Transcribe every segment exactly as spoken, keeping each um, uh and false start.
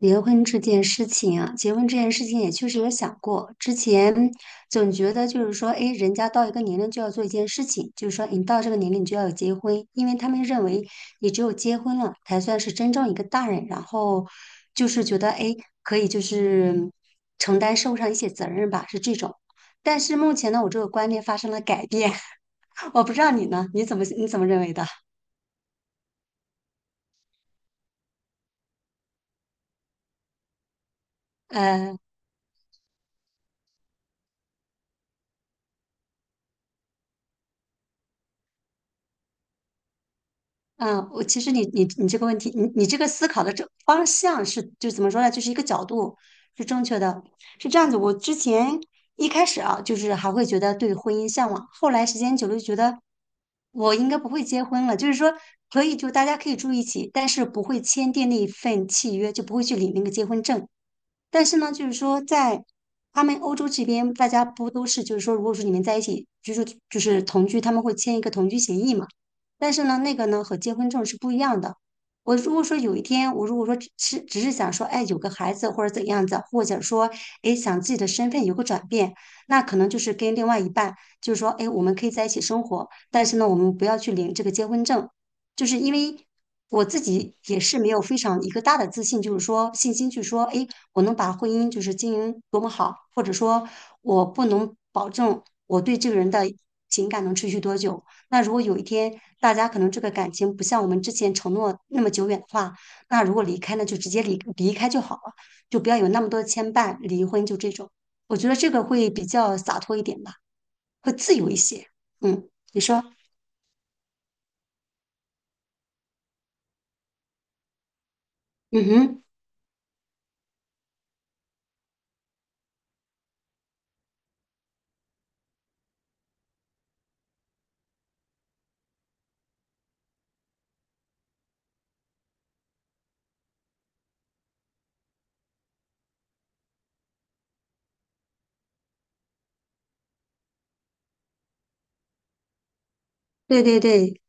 结婚这件事情啊，结婚这件事情也确实有想过。之前总觉得就是说，哎，人家到一个年龄就要做一件事情，就是说你到这个年龄你就要结婚，因为他们认为你只有结婚了才算是真正一个大人，然后就是觉得哎，诶可以就是承担社会上一些责任吧，是这种。但是目前呢，我这个观念发生了改变，我不知道你呢，你怎么你怎么认为的？呃。嗯，我其实你你你这个问题，你你这个思考的这方向是就怎么说呢？就是一个角度是正确的，是这样子。我之前一开始啊，就是还会觉得对婚姻向往，后来时间久了就觉得我应该不会结婚了。就是说，可以就大家可以住一起，但是不会签订那一份契约，就不会去领那个结婚证。但是呢，就是说在他们欧洲这边，大家不都是就是说，如果说你们在一起居住，就是同居，他们会签一个同居协议嘛？但是呢，那个呢和结婚证是不一样的。我如果说有一天，我如果说只是只是想说，哎，有个孩子或者怎样子，或者说，哎，想自己的身份有个转变，那可能就是跟另外一半，就是说，哎，我们可以在一起生活，但是呢，我们不要去领这个结婚证。就是因为我自己也是没有非常一个大的自信，就是说信心去说，哎，我能把婚姻就是经营多么好，或者说我不能保证我对这个人的情感能持续多久。那如果有一天大家可能这个感情不像我们之前承诺那么久远的话，那如果离开呢，就直接离离开就好了，就不要有那么多的牵绊，离婚就这种。我觉得这个会比较洒脱一点吧，会自由一些。嗯，你说，嗯哼，对对对，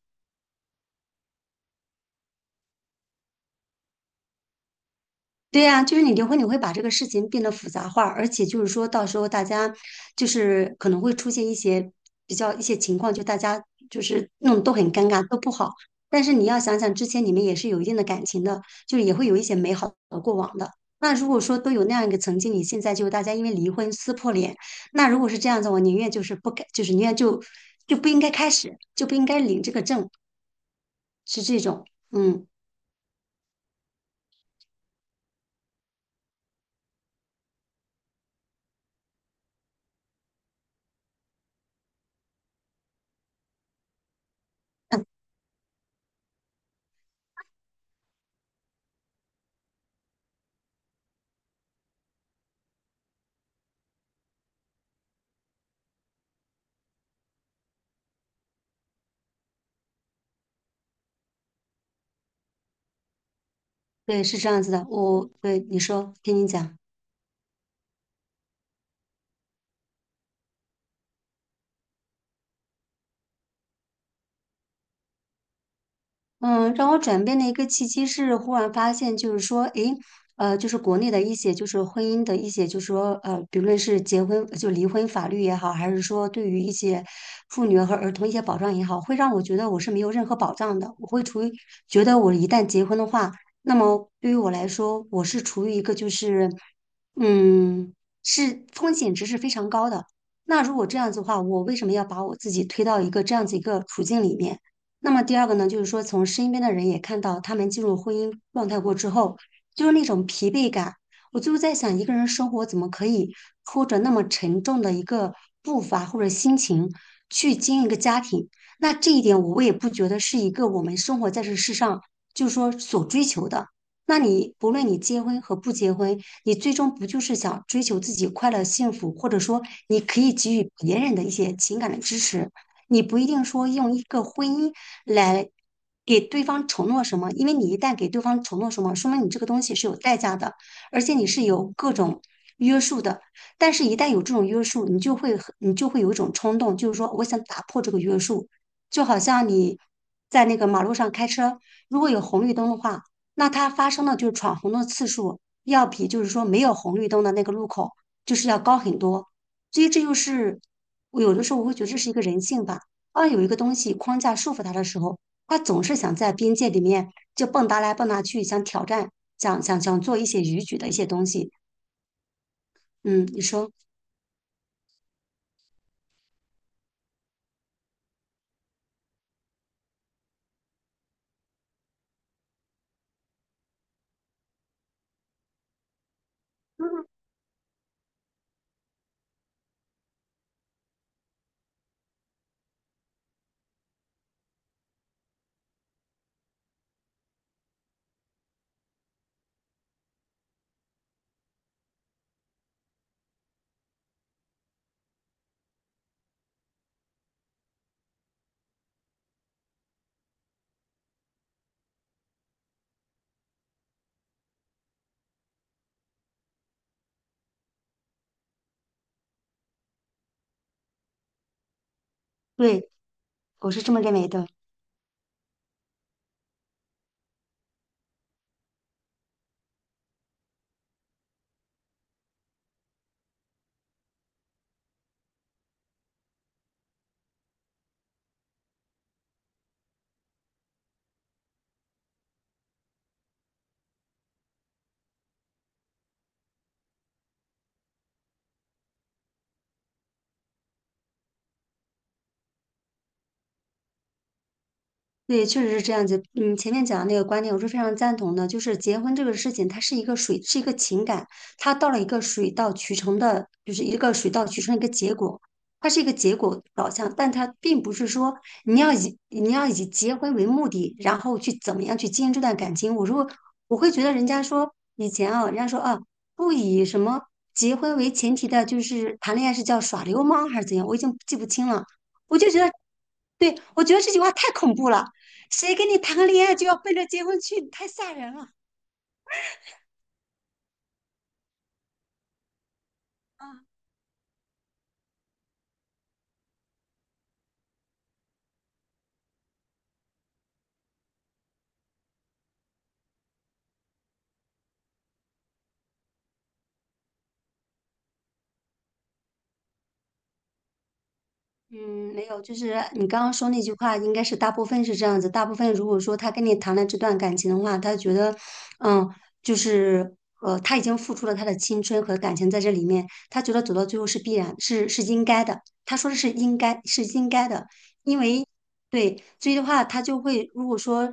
对呀，就是你离婚，你会把这个事情变得复杂化，而且就是说到时候大家就是可能会出现一些比较一些情况，就大家就是弄得都很尴尬，都不好。但是你要想想，之前你们也是有一定的感情的，就是也会有一些美好的过往的。那如果说都有那样一个曾经，你现在就大家因为离婚撕破脸，那如果是这样子，我宁愿就是不该，就是宁愿就就不应该开始，就不应该领这个证，是这种。嗯，对，是这样子的。我对你说，听你讲。嗯，让我转变的一个契机是，忽然发现，就是说，诶，呃，就是国内的一些，就是婚姻的一些，就是说，呃，比论是结婚就离婚法律也好，还是说对于一些妇女和儿童一些保障也好，会让我觉得我是没有任何保障的。我会处于觉得我一旦结婚的话，那么对于我来说，我是处于一个就是，嗯，是风险值是非常高的。那如果这样子的话，我为什么要把我自己推到一个这样子一个处境里面？那么第二个呢，就是说从身边的人也看到他们进入婚姻状态过之后，就是那种疲惫感。我就是在想，一个人生活怎么可以拖着那么沉重的一个步伐或者心情去经营一个家庭？那这一点我也不觉得是一个我们生活在这世上就是说所追求的。那你不论你结婚和不结婚，你最终不就是想追求自己快乐幸福，或者说你可以给予别人的一些情感的支持？你不一定说用一个婚姻来给对方承诺什么，因为你一旦给对方承诺什么，说明你这个东西是有代价的，而且你是有各种约束的。但是，一旦有这种约束，你就会很你就会有一种冲动，就是说我想打破这个约束，就好像你在那个马路上开车，如果有红绿灯的话，那它发生的就是闯红灯的次数要比就是说没有红绿灯的那个路口就是要高很多。所以这就是我有的时候我会觉得这是一个人性吧。当有一个东西框架束缚他的时候，他总是想在边界里面就蹦跶来蹦跶去，想挑战，想想想做一些逾矩的一些东西。嗯，你说，对，我是这么认为的。对，确实是这样子。嗯，前面讲的那个观点，我是非常赞同的。就是结婚这个事情，它是一个水，是一个情感，它到了一个水到渠成的，就是一个水到渠成的一个结果，它是一个结果导向，但它并不是说你要以你要以结婚为目的，然后去怎么样去经营这段感情。我说我会觉得人家说以前啊，人家说啊，不以什么结婚为前提的，就是谈恋爱是叫耍流氓还是怎样，我已经记不清了。我就觉得，对，我觉得这句话太恐怖了。谁跟你谈个恋爱就要奔着结婚去？太吓人了啊！嗯，没有，就是你刚刚说那句话，应该是大部分是这样子。大部分如果说他跟你谈了这段感情的话，他觉得，嗯，就是呃，他已经付出了他的青春和感情在这里面，他觉得走到最后是必然，是是应该的。他说的是应该，是应该的，因为对，所以的话，他就会如果说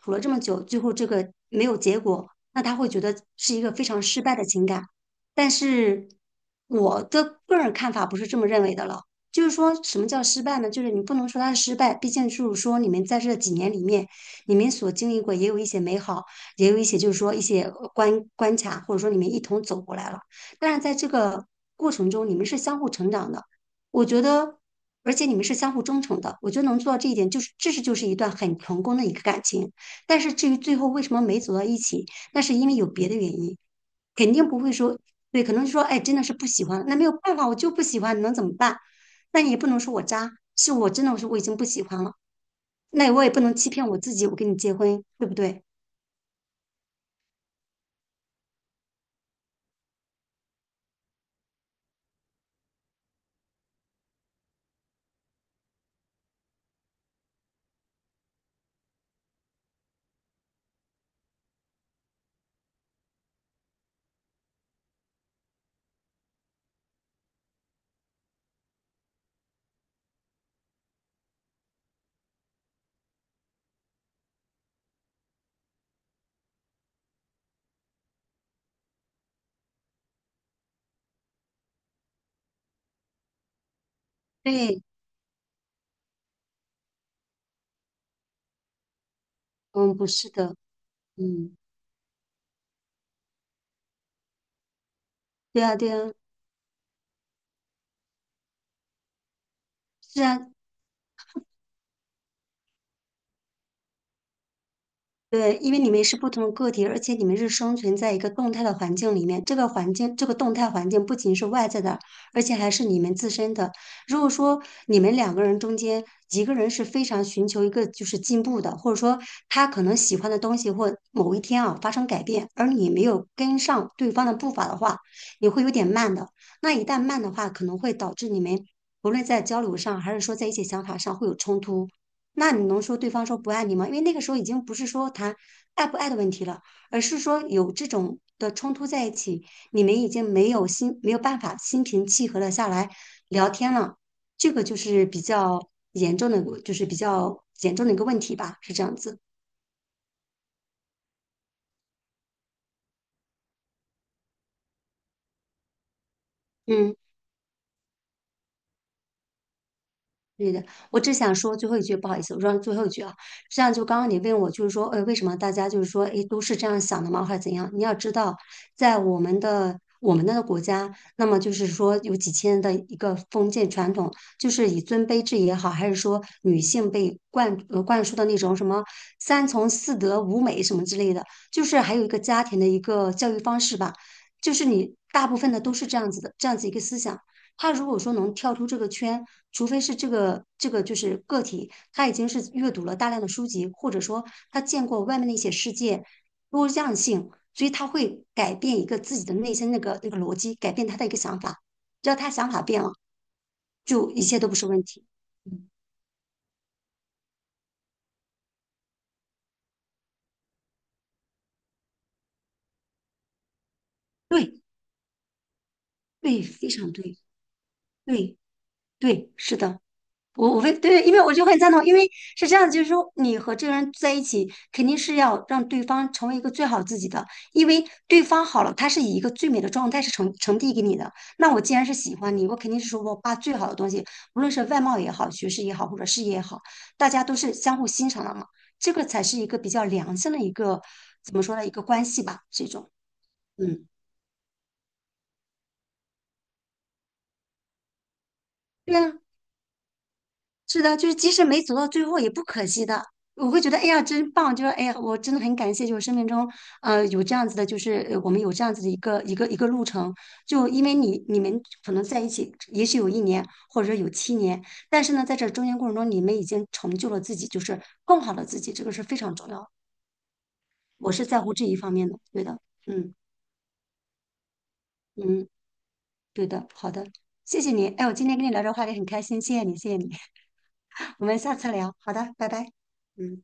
处了这么久，最后这个没有结果，那他会觉得是一个非常失败的情感。但是我的个人看法不是这么认为的了。就是说什么叫失败呢？就是你不能说它是失败，毕竟就是说你们在这几年里面，你们所经历过也有一些美好，也有一些就是说一些呃关关卡，或者说你们一同走过来了。但是在这个过程中，你们是相互成长的，我觉得，而且你们是相互忠诚的，我觉得能做到这一点，就是这是就是一段很成功的一个感情。但是至于最后为什么没走到一起，那是因为有别的原因，肯定不会说。对，可能说，哎，真的是不喜欢，那没有办法，我就不喜欢，能怎么办？那你也不能说我渣，是我真的我说我已经不喜欢了，那我也不能欺骗我自己，我跟你结婚，对不对？对，嗯，不是的，嗯，对啊，对啊，是啊，对，因为你们是不同的个体，而且你们是生存在一个动态的环境里面。这个环境，这个动态环境不仅是外在的，而且还是你们自身的。如果说你们两个人中间一个人是非常寻求一个就是进步的，或者说他可能喜欢的东西或某一天啊发生改变，而你没有跟上对方的步伐的话，你会有点慢的。那一旦慢的话，可能会导致你们无论在交流上还是说在一些想法上会有冲突。那你能说对方说不爱你吗？因为那个时候已经不是说谈爱不爱的问题了，而是说有这种的冲突在一起，你们已经没有心，没有办法心平气和的下来聊天了，这个就是比较严重的，就是比较严重的一个问题吧，是这样子。嗯。对的，我只想说最后一句，不好意思，我说最后一句啊，这样就刚刚你问我，就是说，呃，为什么大家就是说，诶，都是这样想的吗，还是怎样？你要知道，在我们的我们那个国家，那么就是说有几千年的一个封建传统，就是以尊卑制也好，还是说女性被灌呃灌输的那种什么三从四德五美什么之类的，就是还有一个家庭的一个教育方式吧，就是你大部分的都是这样子的，这样子一个思想。他如果说能跳出这个圈，除非是这个这个就是个体，他已经是阅读了大量的书籍，或者说他见过外面的一些世界多样性，所以他会改变一个自己的内心那个那个逻辑，改变他的一个想法。只要他想法变了，就一切都不是问题。嗯，对对，非常对，对对，是的。我我会对，因为我就很赞同，因为是这样就是说你和这个人在一起，肯定是要让对方成为一个最好自己的，因为对方好了，他是以一个最美的状态是呈呈递给你的。那我既然是喜欢你，我肯定是说我把最好的东西，无论是外貌也好，学识也好，或者事业也好，大家都是相互欣赏的嘛，这个才是一个比较良性的一个，怎么说呢，一个关系吧，这种，嗯，对啊，是的，就是即使没走到最后也不可惜的，我会觉得哎呀真棒，就是哎呀我真的很感谢，就是生命中呃有这样子的，就是呃我们有这样子的一个一个一个路程，就因为你你们可能在一起，也许有一年或者说有七年，但是呢在这中间过程中，你们已经成就了自己，就是更好的自己，这个是非常重要的。我是在乎这一方面的，对的，嗯嗯，对的，好的，谢谢你，哎，我今天跟你聊这个话题很开心，谢谢你，谢谢你，我们下次聊，好的，拜拜，嗯。